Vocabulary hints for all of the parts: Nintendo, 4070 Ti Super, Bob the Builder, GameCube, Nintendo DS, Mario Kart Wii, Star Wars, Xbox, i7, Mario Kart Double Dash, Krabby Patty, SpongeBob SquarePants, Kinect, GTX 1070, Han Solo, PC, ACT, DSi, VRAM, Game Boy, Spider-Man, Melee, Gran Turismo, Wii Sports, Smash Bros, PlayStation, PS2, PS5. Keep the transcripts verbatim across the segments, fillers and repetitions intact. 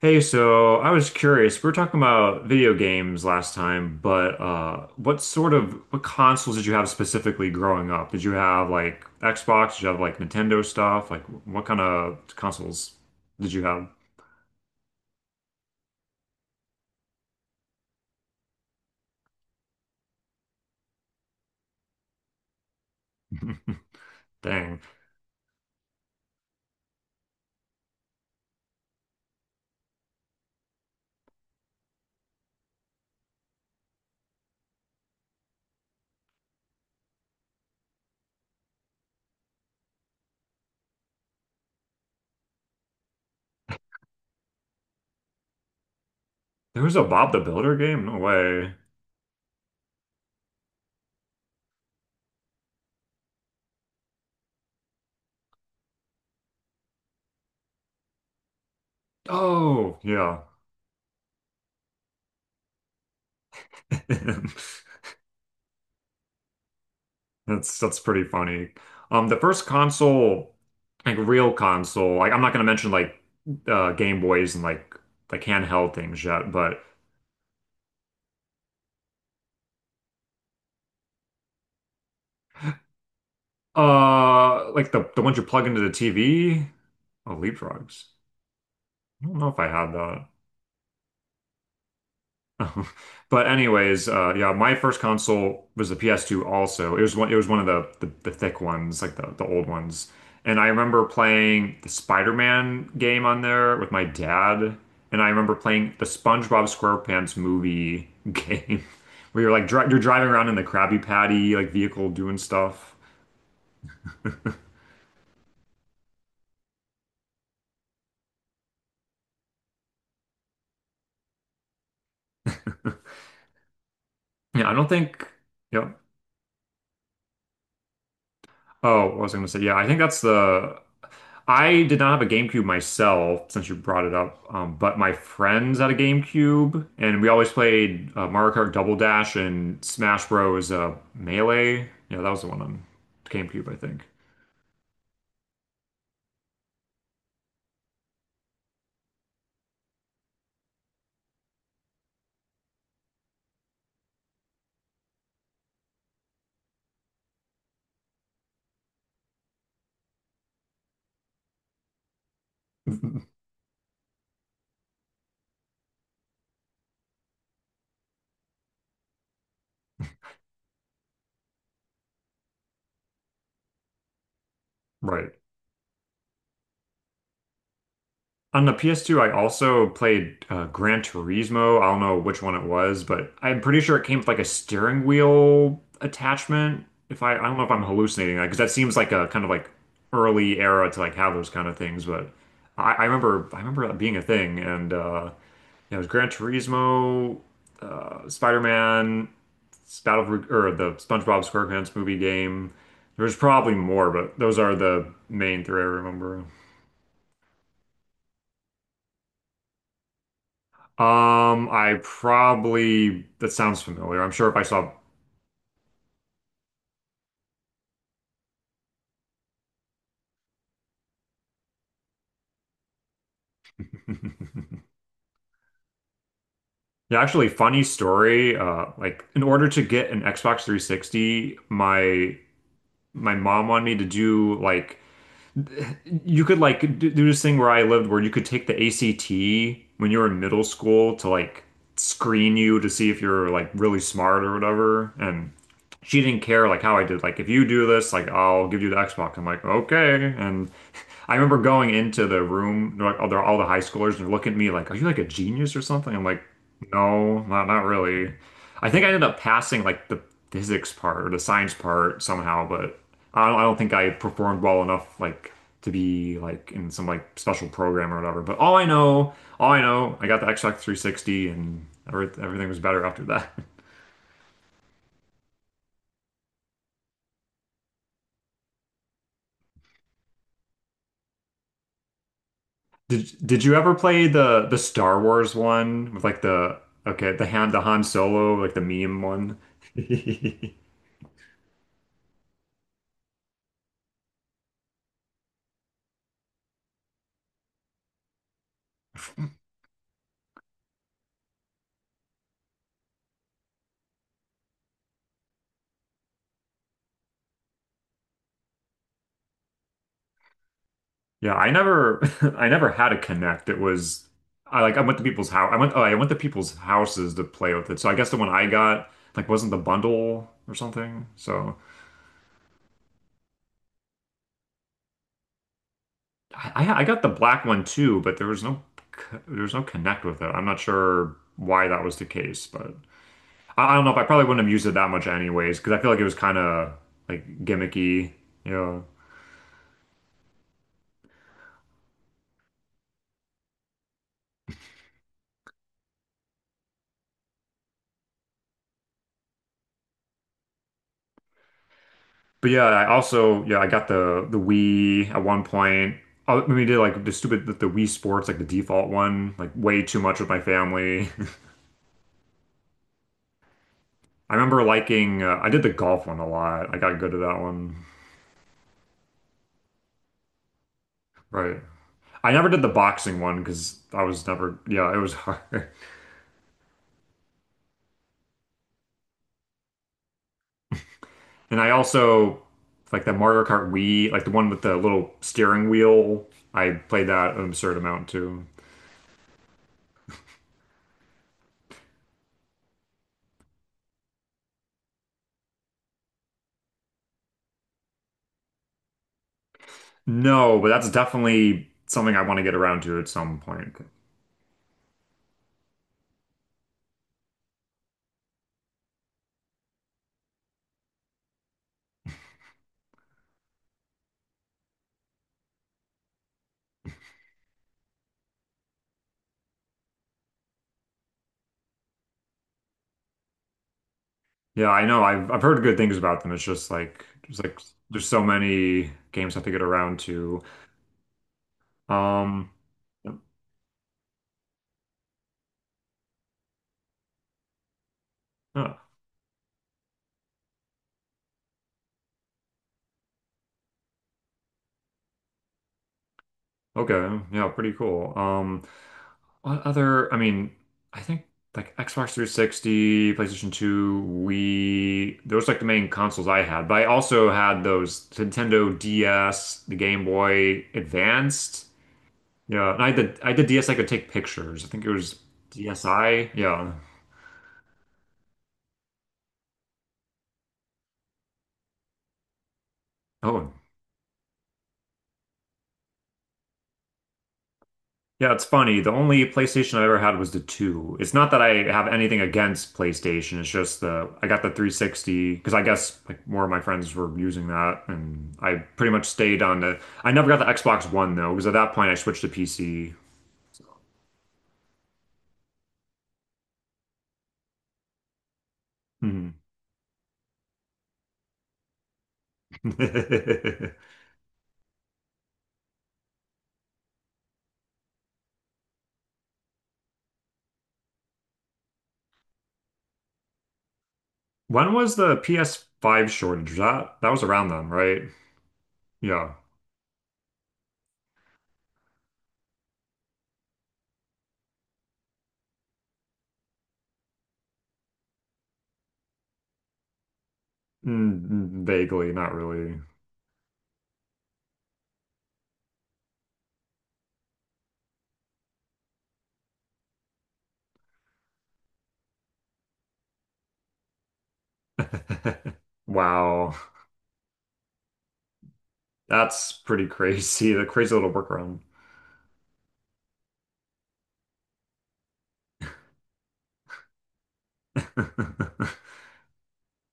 Hey, so I was curious. We were talking about video games last time, but uh, what sort of what consoles did you have specifically growing up? Did you have like Xbox? Did you have like Nintendo stuff? Like what kind of consoles did you have? Dang, there was a Bob the Builder game? No way. Oh, yeah. That's that's pretty funny. Um, the first console, like real console, like I'm not gonna mention like uh Game Boys and like like handheld things yet, but Uh, like the the ones you plug into the T V. Oh, leapfrogs. I don't know if I had that. But anyways, uh, yeah, my first console was the P S two also. It was one. It was one of the the, the thick ones, like the the old ones. And I remember playing the Spider-Man game on there with my dad. And I remember playing the SpongeBob SquarePants movie game, where you're like dri you're driving around in the Krabby Patty like vehicle doing stuff. Yeah, I don't think. Yep. Oh, I was gonna say, yeah, I think that's the. I did not have a GameCube myself, since you brought it up, um, but my friends had a GameCube, and we always played uh, Mario Kart Double Dash and Smash Bros. Uh, Melee. Yeah, that was the one on GameCube, I think. Right. On the P S two, I also played uh, Gran Turismo. I don't know which one it was, but I'm pretty sure it came with like a steering wheel attachment. If I, I don't know if I'm hallucinating that, because that seems like a kind of like early era to like have those kind of things. But I, I remember, I remember that being a thing, and uh, yeah, it was Gran Turismo, uh, Spider-Man, Battle or the SpongeBob SquarePants movie game. There's probably more, but those are the main three I remember. Um, I probably that sounds familiar. I'm sure if I saw, yeah, actually, funny story. Uh, like in order to get an Xbox three sixty, my my mom wanted me to do like you could like do do this thing where I lived where you could take the A C T when you were in middle school to like screen you to see if you're like really smart or whatever. And she didn't care like how I did. Like if you do this, like I'll give you the Xbox. I'm like okay. And I remember going into the room, they're like all, they all the high schoolers, and they're looking at me like, are you like a genius or something? I'm like, no, not not really. I think I ended up passing like the physics part or the science part somehow, but I don't, I don't think I performed well enough like to be like in some like special program or whatever. But all I know, all I know, I got the Xbox three sixty and every, everything was better after that. Did did you ever play the the Star Wars one with like the okay the Han the Han Solo like the meme one? Yeah, I never I never had a Connect. It was I like I went to people's house. I went Oh, I went to people's houses to play with it. So I guess the one I got like wasn't the bundle or something. So I I I got the black one too, but there was no c- there was no Connect with it. I'm not sure why that was the case, but I don't know if I probably wouldn't have used it that much anyways, because I feel like it was kind of like gimmicky, you know. But yeah, I also yeah I got the the Wii at one point. I I mean, we did like the stupid the, the Wii Sports like the default one like way too much with my family. I remember liking uh, I did the golf one a lot. I got good at that one. Right. I never did the boxing one because I was never yeah it was hard. And I also like the Mario Kart Wii like the one with the little steering wheel. I played that an absurd amount too. No, but that's definitely something I want to get around to at some point. Yeah, I know. I've I've heard good things about them. It's just like there's like there's so many games I have to get around to. Um, huh, okay, yeah, pretty cool. Um, what other? I mean, I think like Xbox three sixty, PlayStation two, Wii. Those like the main consoles I had. But I also had those Nintendo D S, the Game Boy Advanced. Yeah, and I did I did DSi could take pictures. I think it was DSi. Yeah. Oh. Yeah, it's funny. The only PlayStation I ever had was the two. It's not that I have anything against PlayStation. It's just the I got the three sixty because I guess like more of my friends were using that and I pretty much stayed on the I never got the Xbox One though because at that point I switched to P C. Hmm. When was the P S five shortage? Was that that was around then, right? Yeah. Mm, mm, vaguely, not really. Wow. That's pretty crazy. The crazy little workaround.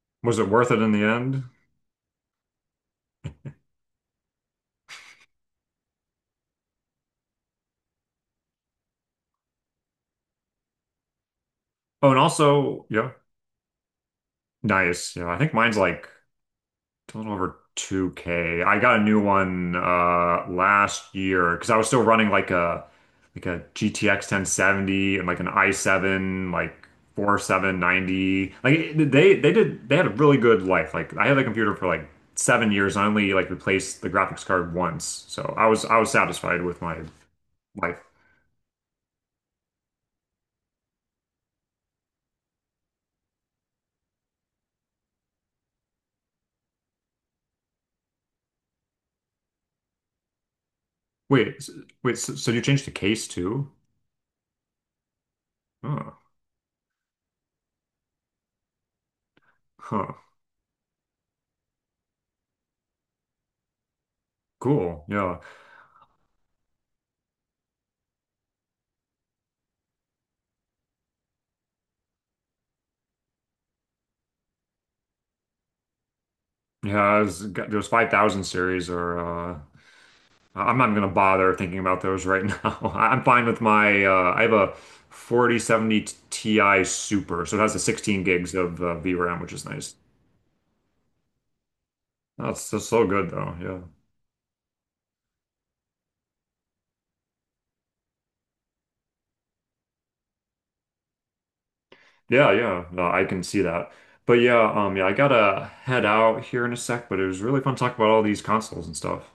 Was it worth it in the end? Oh, and also, yeah, nice. Yeah, I think mine's like a little over two K. I got a new one uh last year because I was still running like a like a G T X ten seventy and like an i seven like four seven ninety. Like they they did they had a really good life. Like I had the computer for like seven years and I only like replaced the graphics card once. So I was I was satisfied with my life. Wait, s- wait, so, so you changed the case too? Oh, huh. Cool. Yeah. Yeah, it was, got- those five thousand series are uh I'm not going to bother thinking about those right now. I'm fine with my, uh, I have a forty seventy Ti Super, so it has the sixteen gigs of uh, V RAM, which is nice. That's just so good though. Yeah. Yeah, yeah. No, I can see that. But yeah, um, yeah, I gotta head out here in a sec, but it was really fun talking about all these consoles and stuff.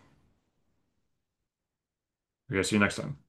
Okay, see you next time.